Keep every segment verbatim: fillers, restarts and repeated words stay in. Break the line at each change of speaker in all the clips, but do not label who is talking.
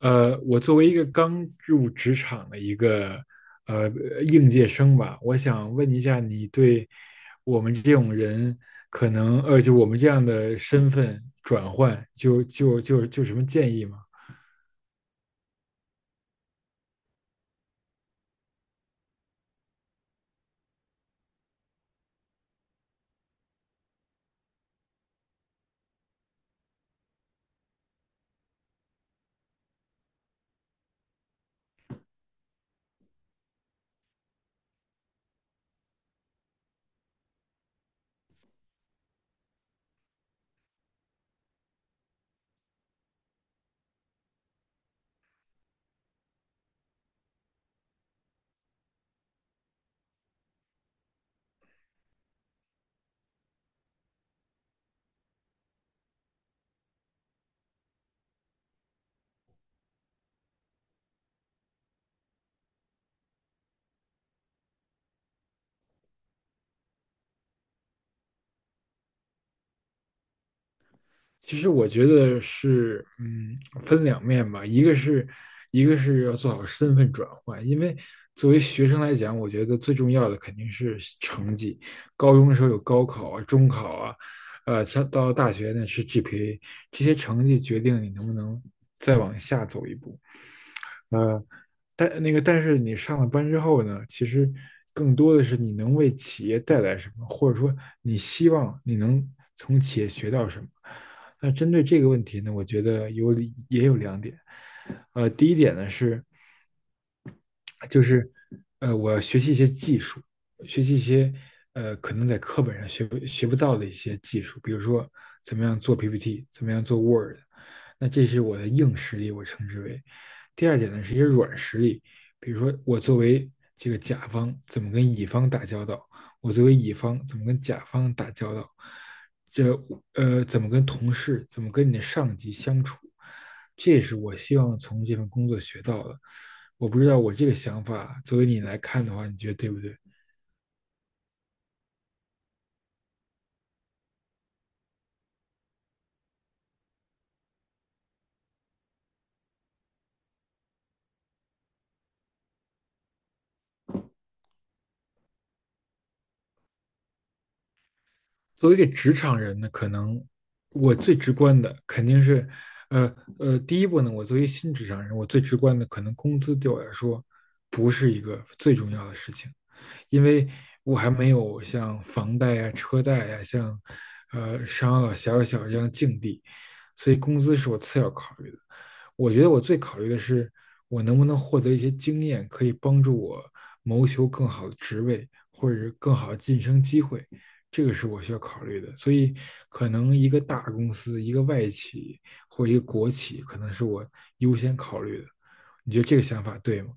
呃，我作为一个刚入职场的一个呃应届生吧，我想问一下，你对我们这种人，可能呃，就我们这样的身份转换，就就就就有什么建议吗？其实我觉得是，嗯，分两面吧，一个是，一个是要做好身份转换，因为作为学生来讲，我觉得最重要的肯定是成绩。高中的时候有高考啊、中考啊，呃，上到大学呢是 G P A，这些成绩决定你能不能再往下走一步。但那个，但是你上了班之后呢，其实更多的是你能为企业带来什么，或者说你希望你能从企业学到什么。那针对这个问题呢，我觉得有也有两点。呃，第一点呢是，就是呃，我要学习一些技术，学习一些呃，可能在课本上学不学不到的一些技术，比如说怎么样做 P P T，怎么样做 Word，那这是我的硬实力，我称之为。第二点呢，是一些软实力，比如说我作为这个甲方怎么跟乙方打交道，我作为乙方怎么跟甲方打交道，这呃怎么跟同事，怎么跟你的上级相处，这也是我希望从这份工作学到的。我不知道我这个想法，作为你来看的话，你觉得对不对？作为一个职场人呢，可能我最直观的肯定是，呃呃，第一步呢，我作为新职场人，我最直观的可能工资对我来说不是一个最重要的事情，因为我还没有像房贷呀、车贷呀、像呃商啊、小小小这样的境地，所以工资是我次要考虑的。我觉得我最考虑的是我能不能获得一些经验，可以帮助我谋求更好的职位或者是更好的晋升机会，这个是我需要考虑的。所以，可能一个大公司、一个外企或一个国企，可能是我优先考虑的。你觉得这个想法对吗？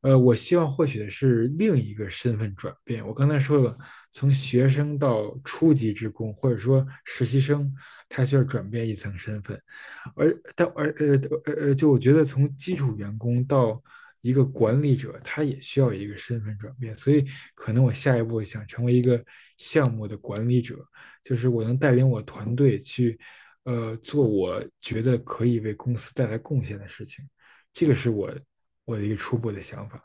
呃，我希望获取的是另一个身份转变。我刚才说了，从学生到初级职工，或者说实习生，他需要转变一层身份。而但而呃呃呃，就我觉得从基础员工到一个管理者，他也需要一个身份转变。所以，可能我下一步想成为一个项目的管理者，就是我能带领我团队去，呃，做我觉得可以为公司带来贡献的事情。这个是我我的一个初步的想法。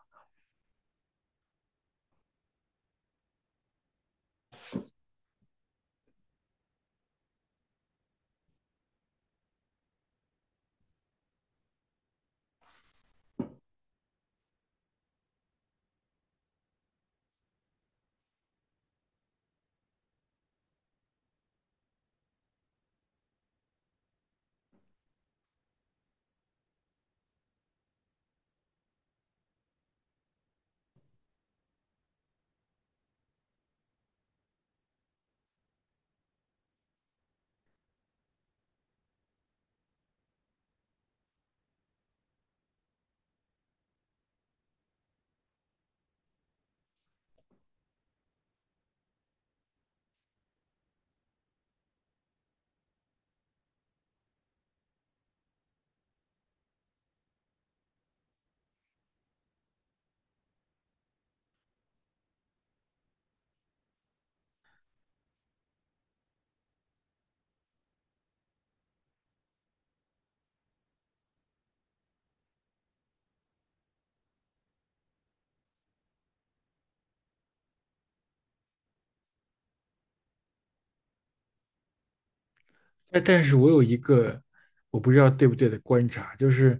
但但是我有一个我不知道对不对的观察，就是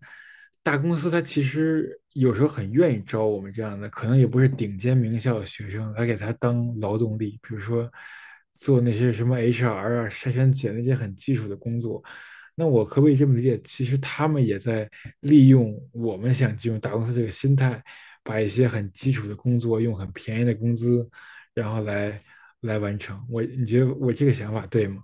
大公司它其实有时候很愿意招我们这样的，可能也不是顶尖名校的学生，来给他当劳动力，比如说做那些什么 H R 啊、筛选简历那些很基础的工作。那我可不可以这么理解？其实他们也在利用我们想进入大公司这个心态，把一些很基础的工作用很便宜的工资，然后来来完成。我，你觉得我这个想法对吗？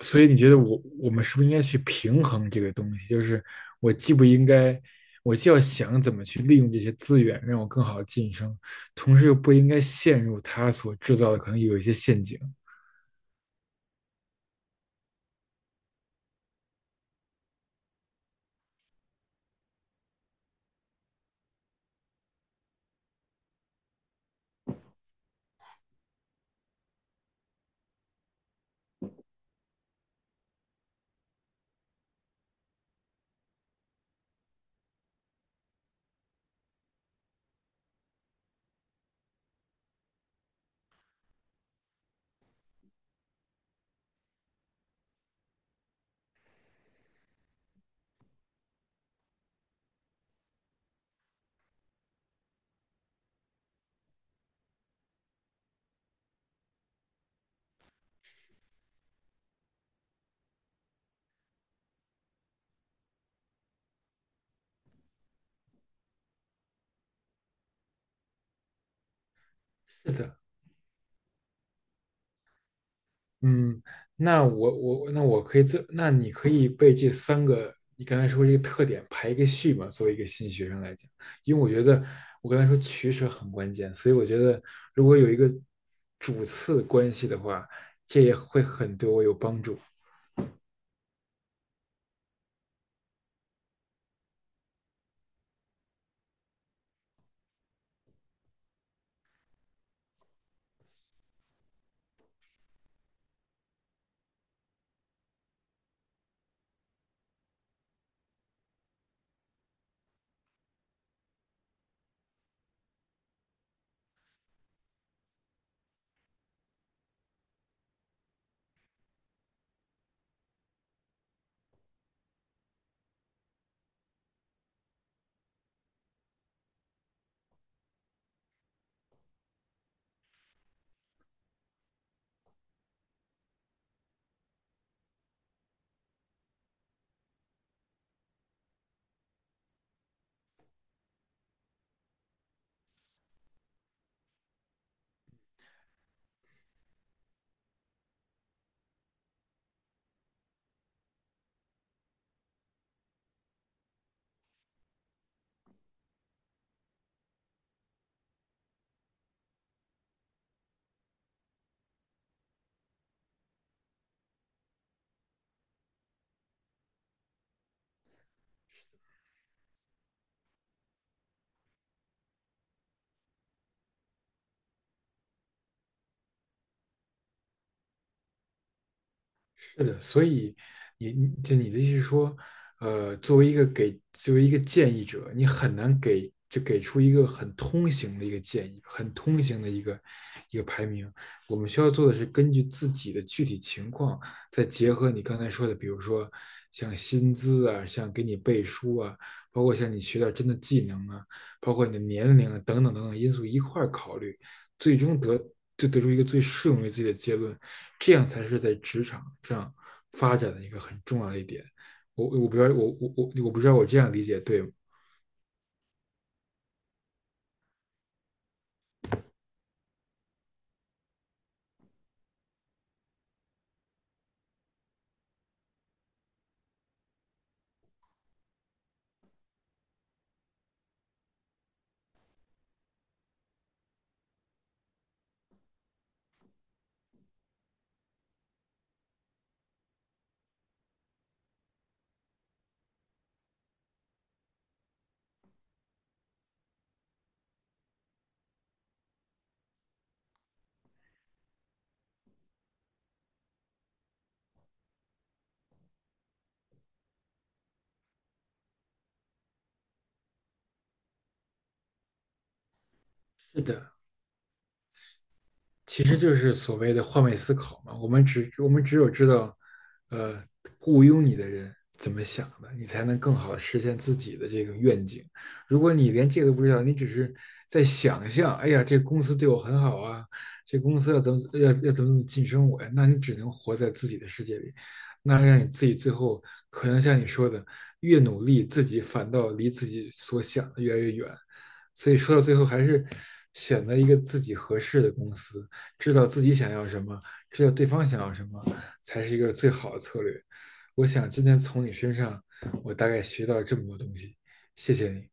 所以你觉得我我们是不是应该去平衡这个东西？就是我既不应该，我既要想怎么去利用这些资源，让我更好的晋升，同时又不应该陷入他所制造的可能有一些陷阱。是的，嗯，那我我那我可以这，那你可以被这三个你刚才说这个特点排一个序嘛？作为一个新学生来讲，因为我觉得我刚才说取舍很关键，所以我觉得如果有一个主次关系的话，这也会很对我有帮助。是的，所以你你就你的意思是说，呃，作为一个给作为一个建议者，你很难给就给出一个很通行的一个建议，很通行的一个一个排名。我们需要做的是根据自己的具体情况，再结合你刚才说的，比如说像薪资啊，像给你背书啊，包括像你学到真的技能啊，包括你的年龄啊等等等等因素一块儿考虑。最终得就得出一个最适用于自己的结论，这样才是在职场上发展的一个很重要的一点。我我不知道我我我我不知道我这样理解对吗？是的，其实就是所谓的换位思考嘛。我们只我们只有知道，呃，雇佣你的人怎么想的，你才能更好的实现自己的这个愿景。如果你连这个都不知道，你只是在想象，哎呀，这公司对我很好啊，这公司要怎么要要怎么怎么晋升我呀？那你只能活在自己的世界里，那让你自己最后可能像你说的，越努力，自己反倒离自己所想的越来越远。所以说到最后还是选择一个自己合适的公司，知道自己想要什么，知道对方想要什么，才是一个最好的策略。我想今天从你身上，我大概学到这么多东西，谢谢你。